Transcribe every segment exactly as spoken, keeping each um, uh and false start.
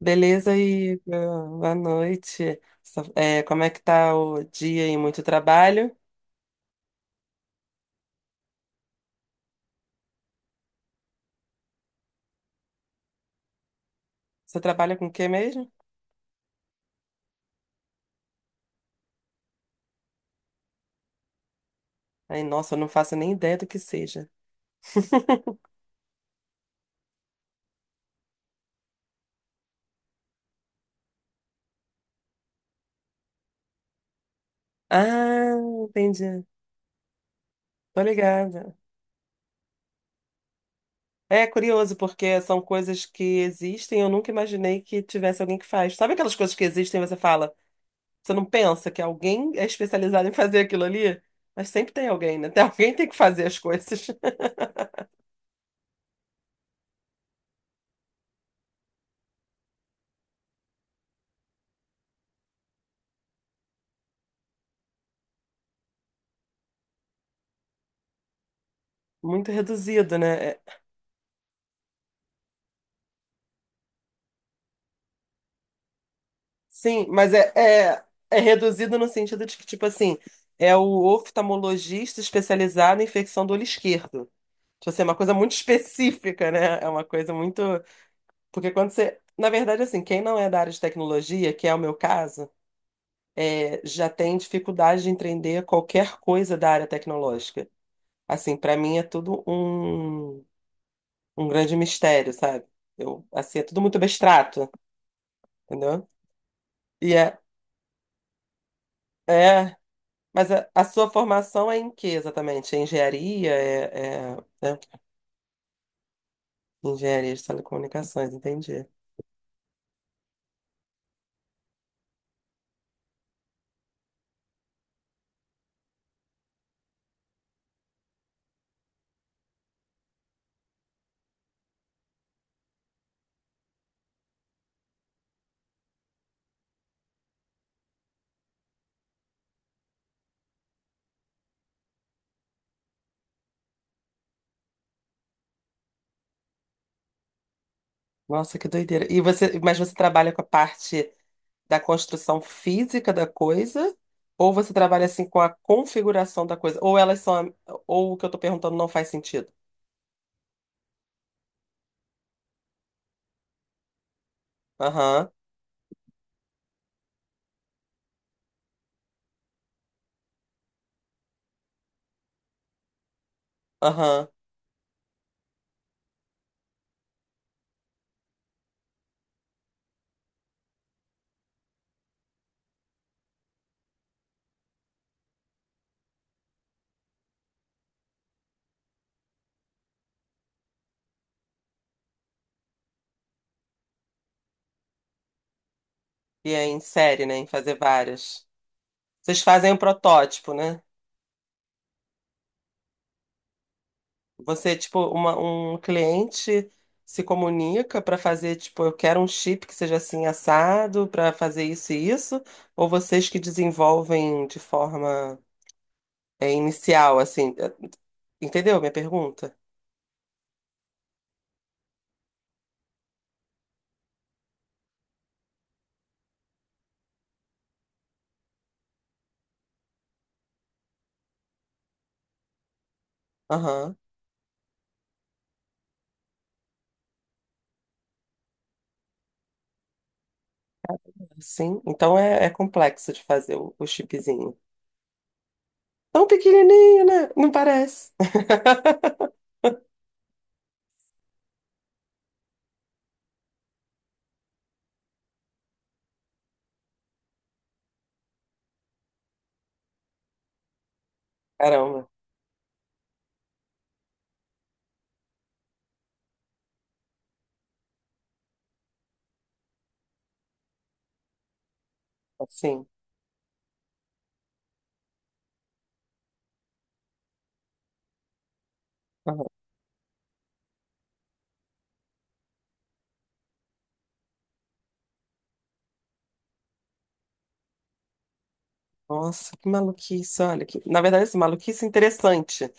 Beleza aí, boa noite. Só- é, como é que tá o dia e muito trabalho? Você trabalha com o que mesmo? Ai, nossa, eu não faço nem ideia do que seja. Ah, entendi. Tô ligada. É curioso, porque são coisas que existem, eu nunca imaginei que tivesse alguém que faz. Sabe aquelas coisas que existem e você fala, você não pensa que alguém é especializado em fazer aquilo ali? Mas sempre tem alguém, né? Tem alguém que tem que fazer as coisas. Muito reduzido, né? É. Sim, mas é, é, é reduzido no sentido de que, tipo assim, é o oftalmologista especializado em infecção do olho esquerdo. Tipo assim, é uma coisa muito específica, né? É uma coisa muito. Porque quando você. Na verdade, assim, quem não é da área de tecnologia, que é o meu caso, é, já tem dificuldade de entender qualquer coisa da área tecnológica. Assim, pra mim é tudo um, um grande mistério, sabe? Eu, assim, é tudo muito abstrato, entendeu? E é. É. Mas a, a sua formação é em que exatamente? É engenharia? É, é, é engenharia de telecomunicações, entendi. Nossa, que doideira. E você, mas você trabalha com a parte da construção física da coisa? Ou você trabalha assim com a configuração da coisa? Ou elas são, ou o que eu tô perguntando não faz sentido? Aham, aham. E é em série, né? Em fazer várias. Vocês fazem um protótipo, né? Você, tipo, uma, um cliente se comunica para fazer, tipo, eu quero um chip que seja assim assado para fazer isso e isso, ou vocês que desenvolvem de forma é, inicial, assim, é, entendeu minha pergunta? Aham, sim. Então é, é complexo de fazer o, o chipzinho. Tão pequenininho, né? Não parece. Caramba, assim. Aham. Nossa, que maluquice, olha. Que... Na verdade, assim, maluquice interessante.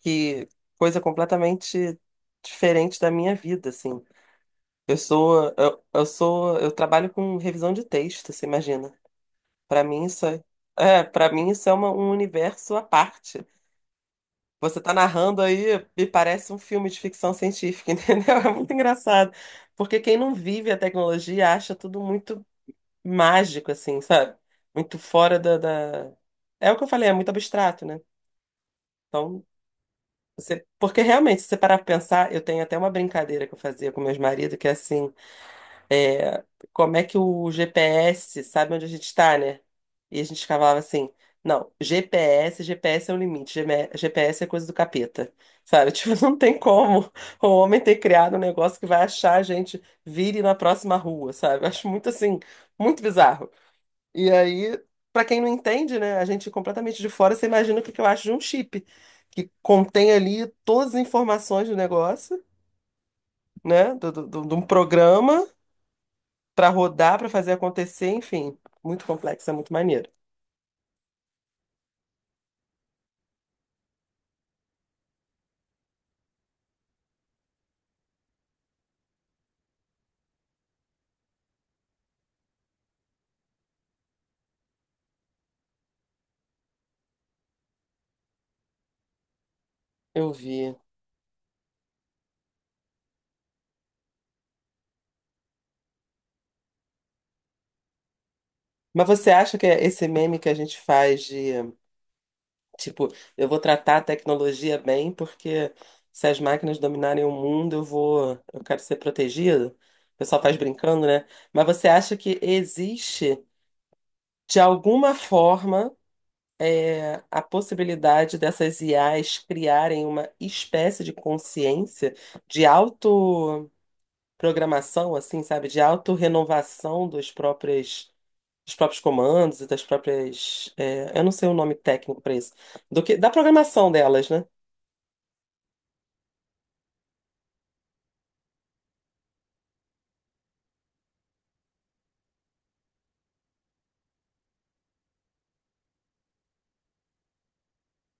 Que coisa completamente diferente da minha vida, assim. Eu sou, eu, eu sou, eu trabalho com revisão de texto, você imagina. Para mim isso é, é, para mim isso é uma- um universo à parte. Você tá narrando aí, me parece um filme de ficção científica, entendeu? É muito engraçado, porque quem não vive a tecnologia acha tudo muito mágico, assim, sabe? Muito fora da, da... É o que eu falei, é muito abstrato, né? Então você- porque realmente, se você parar pra pensar, eu tenho até uma brincadeira que eu fazia com meus maridos, que é assim, é, como é que o G P S sabe onde a gente está, né? E a gente falava assim, não, GPS, GPS é o limite, GM GPS é coisa do capeta, sabe? Tipo, não tem como o homem ter criado um negócio que vai achar a gente, vire na próxima rua, sabe? Eu acho muito assim, muito bizarro. E aí, pra quem não entende, né, a gente completamente de fora, você imagina o que que eu acho de um chip, que contém ali todas as informações do negócio, né, do, do, do- de um programa pra rodar, pra fazer acontecer, enfim, muito complexo, é muito maneiro. Eu vi. Mas você acha que é esse meme que a gente faz de, tipo, eu vou tratar a tecnologia bem, porque se as máquinas dominarem o mundo, eu vou, eu quero ser protegido? O pessoal faz brincando, né? Mas você acha que existe de alguma forma, é, a possibilidade dessas I As criarem uma espécie de consciência de autoprogramação, assim, sabe? De autorrenovação dos próprios, dos próprios comandos e das próprias. É, eu não sei o nome técnico para isso. Do que, da programação delas, né?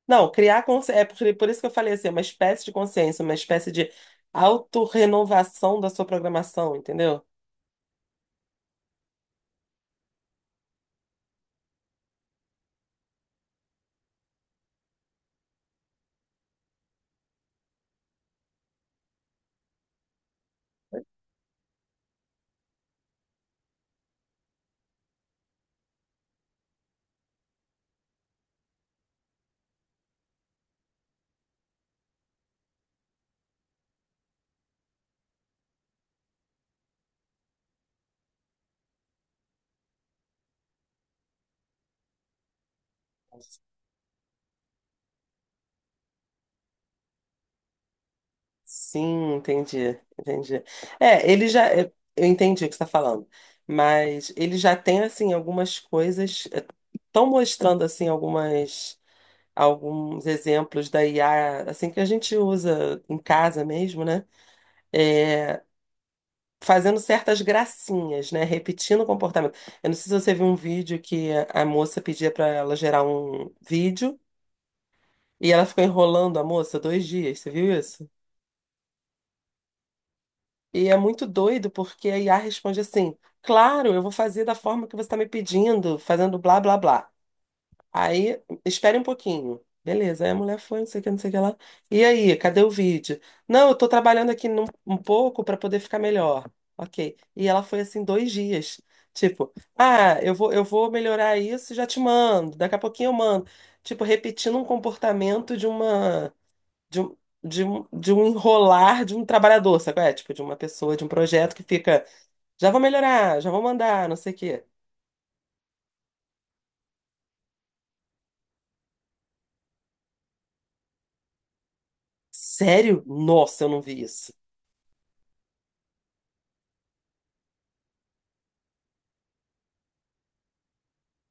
Não, criar consciência. É por, por isso que eu falei assim, uma espécie de consciência, uma espécie de autorrenovação da sua programação, entendeu? Sim, entendi, entendi. É, ele já, eu eu entendi o que você está falando, mas ele já tem assim algumas coisas, estão mostrando assim algumas alguns exemplos da I A assim que a gente usa em casa mesmo, né? É, fazendo certas gracinhas, né? Repetindo o comportamento. Eu não sei se você viu um vídeo que a moça pedia para ela gerar um vídeo e ela ficou enrolando a moça dois dias. Você viu isso? E é muito doido porque a I A responde assim: claro, eu vou fazer da forma que você está me pedindo, fazendo blá blá blá. Aí, espere um pouquinho. Beleza, aí a mulher foi, não sei o que, não sei o que lá. E aí, cadê o vídeo? Não, eu tô trabalhando aqui num- um pouco para poder ficar melhor. Ok. E ela foi assim dois dias. Tipo, ah, eu vou, eu vou melhorar isso, e já te mando. Daqui a pouquinho eu mando. Tipo, repetindo um comportamento de uma de, um- de, um- de um enrolar de um trabalhador, sabe? Qual É, tipo, de uma pessoa, de um projeto que fica, já vou melhorar, já vou mandar, não sei o quê. Sério? Nossa, eu não vi isso.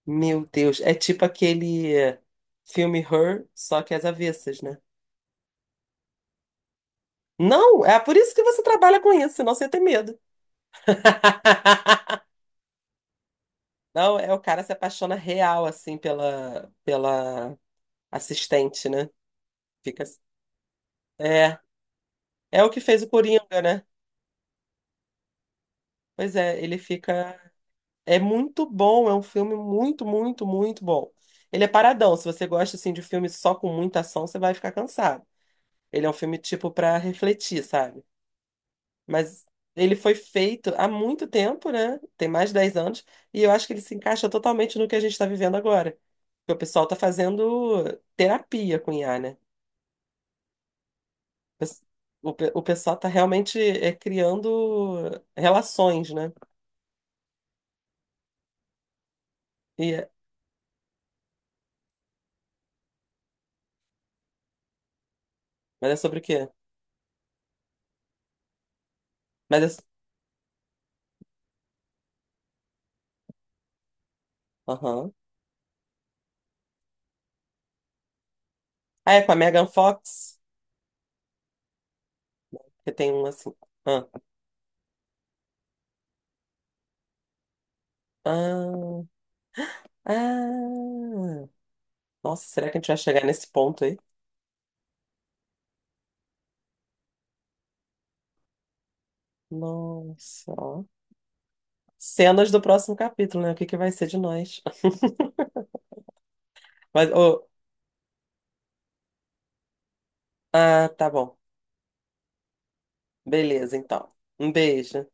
Meu Deus, é tipo aquele filme Her, só que às avessas, né? Não, é por isso que você trabalha com isso, senão você ia ter medo. Não, é o cara se apaixona real, assim, pela, pela assistente, né? Fica. É, é o que fez o Coringa, né? Pois é, ele fica. É muito bom, é um filme muito, muito, muito bom. Ele é paradão. Se você gosta assim de filme só com muita ação, você vai ficar cansado. Ele é um filme tipo para refletir, sabe? Mas ele foi feito há muito tempo, né? Tem mais de dez anos, e eu acho que ele se encaixa totalmente no que a gente está vivendo agora. Porque o pessoal está fazendo terapia com I A, né? O, pe- o pessoal está realmente é, criando relações, né? E é- mas é sobre o quê? Mas é... Aham. Ah, é com a Megan Fox? Porque tem um assim. Ah, ah, ah. Nossa, será que a gente vai chegar nesse ponto aí? Nossa, ó. Cenas do próximo capítulo, né? O que que vai ser de nós? Mas, ô, ah, tá bom. Beleza, então. Um beijo.